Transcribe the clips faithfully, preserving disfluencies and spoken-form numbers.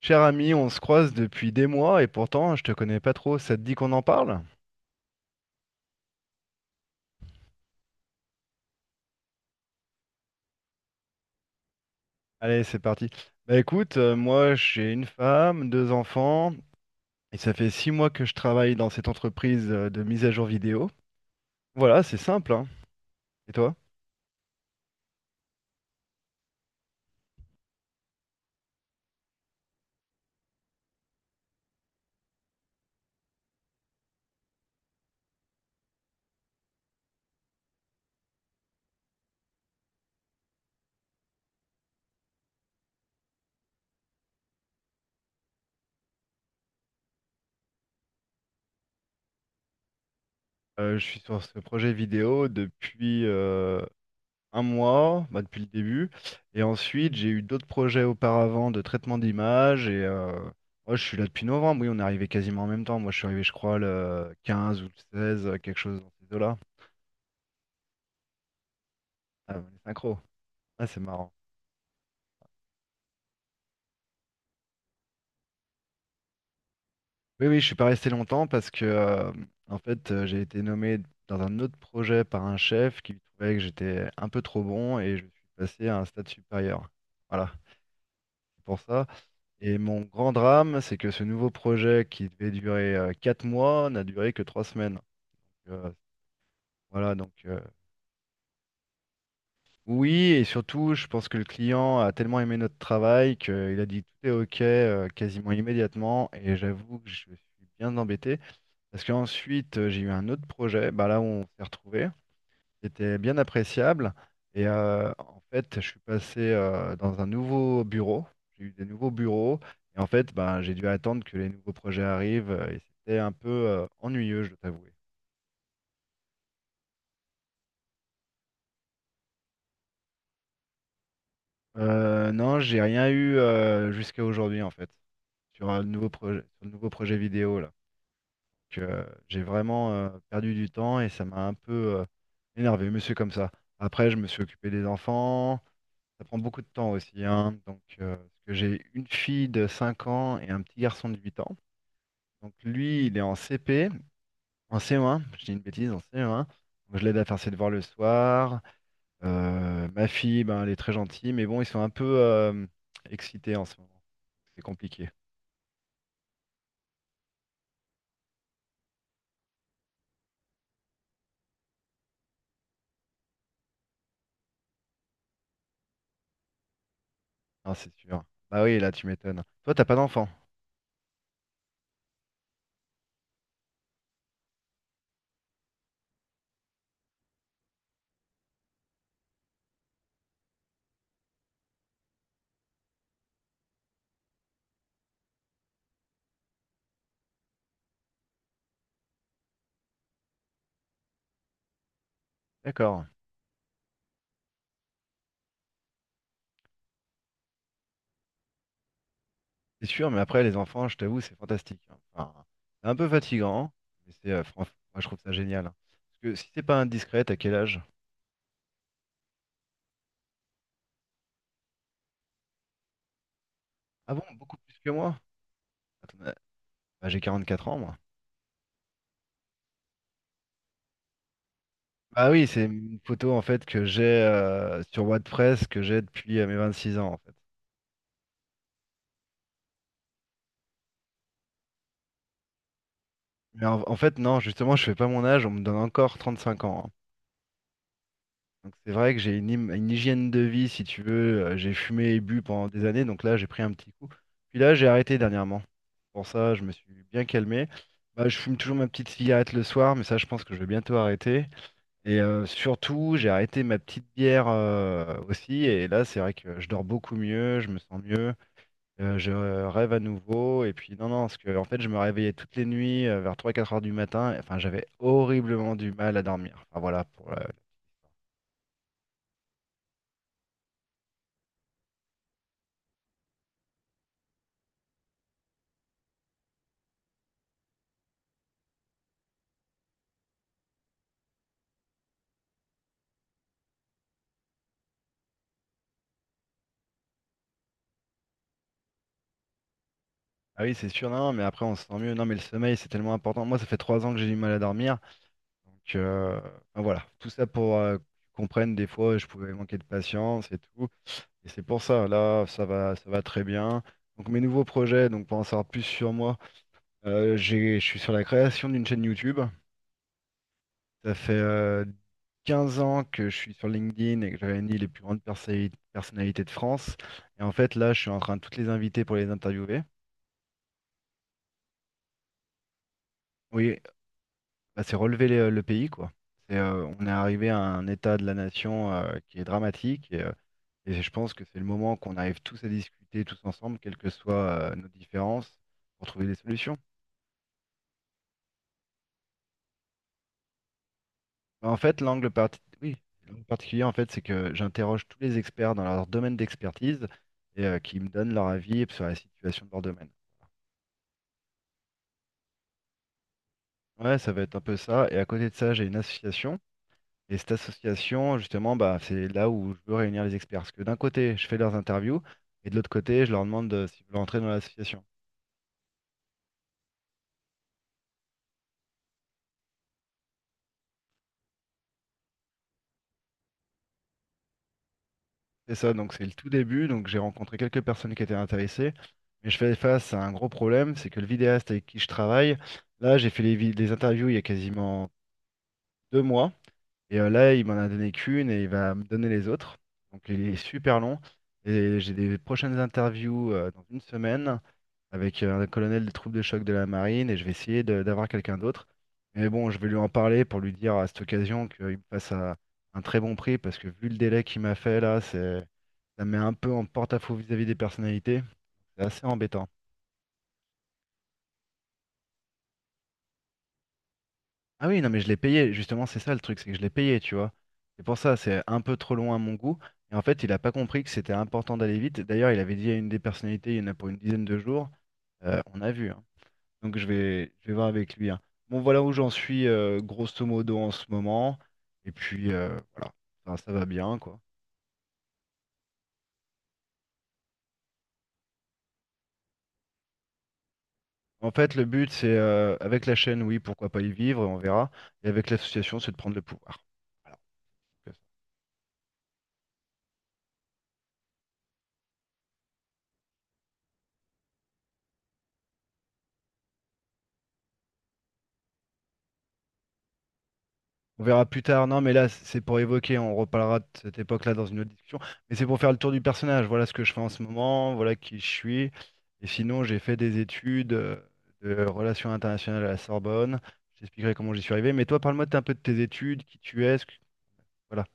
Cher ami, on se croise depuis des mois et pourtant je te connais pas trop. Ça te dit qu'on en parle? Allez, c'est parti. Bah écoute, euh, moi j'ai une femme, deux enfants, et ça fait six mois que je travaille dans cette entreprise euh, de mise à jour vidéo. Voilà, c'est simple, hein. Et toi? Euh, je suis sur ce projet vidéo depuis euh, un mois, bah, depuis le début. Et ensuite, j'ai eu d'autres projets auparavant de traitement d'image. Et euh, moi, je suis là depuis novembre. Oui, on est arrivé quasiment en même temps. Moi, je suis arrivé, je crois, le quinze ou le seize, euh, quelque chose dans ces eaux-là. Ah, on est synchro. Ah, c'est marrant. Oui, oui, je suis pas resté longtemps parce que, euh, en fait, euh, j'ai été nommé dans un autre projet par un chef qui trouvait que j'étais un peu trop bon et je suis passé à un stade supérieur. Voilà, c'est pour ça. Et mon grand drame, c'est que ce nouveau projet qui devait durer euh, quatre mois n'a duré que trois semaines. Euh, voilà, donc euh, oui, et surtout, je pense que le client a tellement aimé notre travail qu'il a dit tout est OK, euh, quasiment immédiatement. Et j'avoue que je suis bien embêté parce qu'ensuite, euh, j'ai eu un autre projet, bah, là où on s'est retrouvé. C'était bien appréciable. Et euh, en fait, je suis passé euh, dans un nouveau bureau. J'ai eu des nouveaux bureaux. Et en fait, ben, j'ai dû attendre que les nouveaux projets arrivent. euh, Et c'était un peu euh, ennuyeux, je dois t'avouer. Euh, non, j'ai rien eu euh, jusqu'à aujourd'hui, en fait, sur euh, le nouveau projet, sur le nouveau projet vidéo, là. Donc, euh, j'ai vraiment euh, perdu du temps et ça m'a un peu euh, énervé, monsieur, comme ça. Après, je me suis occupé des enfants. Ça prend beaucoup de temps aussi, hein. Donc, euh, parce que j'ai une fille de cinq ans et un petit garçon de huit ans. Donc lui, il est en C P, en C E un, je dis une bêtise, en C E un. Donc je l'aide à faire ses devoirs le soir. Euh, ma fille, ben, elle est très gentille, mais bon, ils sont un peu euh, excités en ce moment. C'est compliqué. Non, c'est sûr. Bah oui, là, tu m'étonnes. Toi, t'as pas d'enfant. D'accord. C'est sûr, mais après, les enfants, je t'avoue, c'est fantastique, hein. Enfin, c'est un peu fatigant, mais c'est, euh, franch- moi, je trouve ça génial, hein. Parce que si c'est pas indiscret, à quel âge? Ah bon, beaucoup plus que moi? Attends, euh, bah, j'ai quarante-quatre ans, moi. Ah oui, c'est une photo en fait que j'ai euh, sur WordPress que j'ai depuis euh, mes vingt-six ans en fait. Mais en, en fait, non, justement, je fais pas mon âge, on me donne encore trente-cinq ans, hein. Donc c'est vrai que j'ai une, hym- une hygiène de vie, si tu veux. euh, J'ai fumé et bu pendant des années, donc là, j'ai pris un petit coup. Puis là, j'ai arrêté dernièrement. Pour ça, je me suis bien calmé. Bah, je fume toujours ma petite cigarette le soir, mais ça, je pense que je vais bientôt arrêter. Et euh, surtout, j'ai arrêté ma petite bière euh, aussi. Et là, c'est vrai que je dors beaucoup mieux, je me sens mieux, euh, je rêve à nouveau. Et puis, non, non, parce que en fait, je me réveillais toutes les nuits euh, vers trois quatre heures du matin. et, Enfin, j'avais horriblement du mal à dormir. Enfin, voilà. Pour, la- Ah oui, c'est sûr, non, non, mais après, on se sent mieux. Non, mais le sommeil, c'est tellement important. Moi, ça fait trois ans que j'ai du mal à dormir. Donc, euh, enfin, voilà. Tout ça pour euh, que tu comprennes, des fois, je pouvais manquer de patience et tout. Et c'est pour ça, là, ça va, ça va très bien. Donc mes nouveaux projets, donc pour en savoir plus sur moi, euh, j'ai, je suis sur la création d'une chaîne YouTube. Ça fait euh, quinze ans que je suis sur LinkedIn et que je réunis les plus grandes persé- personnalités de France. Et en fait, là, je suis en train de toutes les inviter pour les interviewer. Oui, bah, c'est relever les- euh, le pays, quoi. C'est, euh, on est arrivé à un état de la nation euh, qui est dramatique et, euh, et je pense que c'est le moment qu'on arrive tous à discuter tous ensemble, quelles que soient euh, nos différences, pour trouver des solutions. En fait, l'angle parti- oui, l'angle particulier, en fait, c'est que j'interroge tous les experts dans leur domaine d'expertise et euh, qui me donnent leur avis sur la situation de leur domaine. Ouais, ça va être un peu ça. Et à côté de ça, j'ai une association. Et cette association, justement, bah, c'est là où je veux réunir les experts. Parce que d'un côté, je fais leurs interviews et de l'autre côté, je leur demande euh, s'ils veulent entrer dans l'association. C'est ça, donc c'est le tout début. Donc j'ai rencontré quelques personnes qui étaient intéressées. Mais je fais face à un gros problème, c'est que le vidéaste avec qui je travaille, là, j'ai fait les, vi- les interviews il y a quasiment deux mois. Et euh, là, il m'en a donné qu'une et il va me donner les autres. Donc il est super long. Et j'ai des prochaines interviews euh, dans une semaine avec euh, un colonel des troupes de choc de la marine et je vais essayer de- d'avoir quelqu'un d'autre. Mais bon, je vais lui en parler pour lui dire à cette occasion qu'il me fasse à un très bon prix parce que vu le délai qu'il m'a fait là, c'est ça me met un peu en porte-à-faux vis-à-vis des personnalités. C'est assez embêtant. Ah oui, non, mais je l'ai payé. Justement, c'est ça le truc, c'est que je l'ai payé, tu vois. C'est pour ça, c'est un peu trop long à mon goût. Et en fait, il a pas compris que c'était important d'aller vite. D'ailleurs, il avait dit à une des personnalités, il y en a pour une dizaine de jours. Euh, on a vu, hein. Donc, je vais, je vais voir avec lui, hein. Bon, voilà où j'en suis, euh, grosso modo, en ce moment. Et puis, euh, voilà. Enfin, ça va bien, quoi. En fait, le but, c'est euh, avec la chaîne, oui, pourquoi pas y vivre, on verra. Et avec l'association, c'est de prendre le pouvoir. Voilà. On verra plus tard. Non, mais là, c'est pour évoquer. On reparlera de cette époque-là dans une autre discussion. Mais c'est pour faire le tour du personnage. Voilà ce que je fais en ce moment. Voilà qui je suis. Et sinon, j'ai fait des études euh, de relations internationales à la Sorbonne. Je t'expliquerai comment j'y suis arrivé. Mais toi, parle-moi un peu de tes études, qui tu es. ce que- Voilà.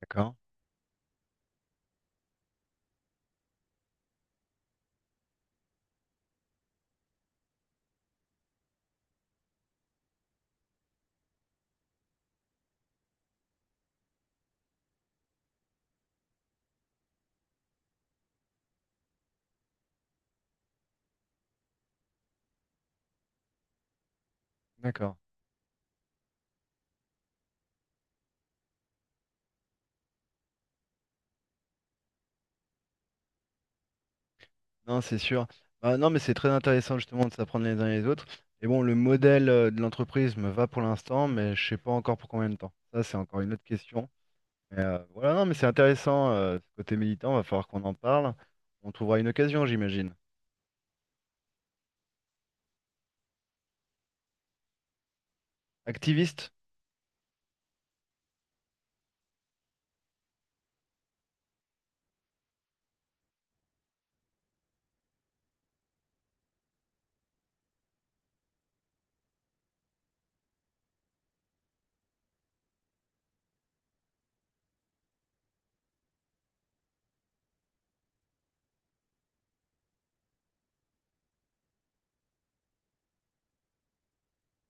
D'accord. D'accord. Non, c'est sûr. Bah, non, mais c'est très intéressant justement de s'apprendre les uns les autres. Et bon, le modèle euh, de l'entreprise me va pour l'instant, mais je sais pas encore pour combien de temps. Ça, c'est encore une autre question. Mais, euh, voilà, non, mais c'est intéressant, euh, ce côté militant, va falloir qu'on en parle. On trouvera une occasion, j'imagine. Activiste?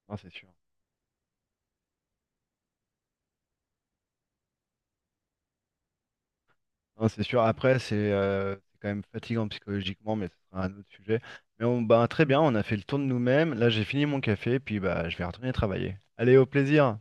Non, c'est sûr. Non, c'est sûr. Après, c'est euh, c'est quand même fatigant psychologiquement, mais ce sera un autre sujet. Mais on, bah, très bien, on a fait le tour de nous-mêmes. Là, j'ai fini mon café, puis bah, je vais retourner travailler. Allez, au plaisir!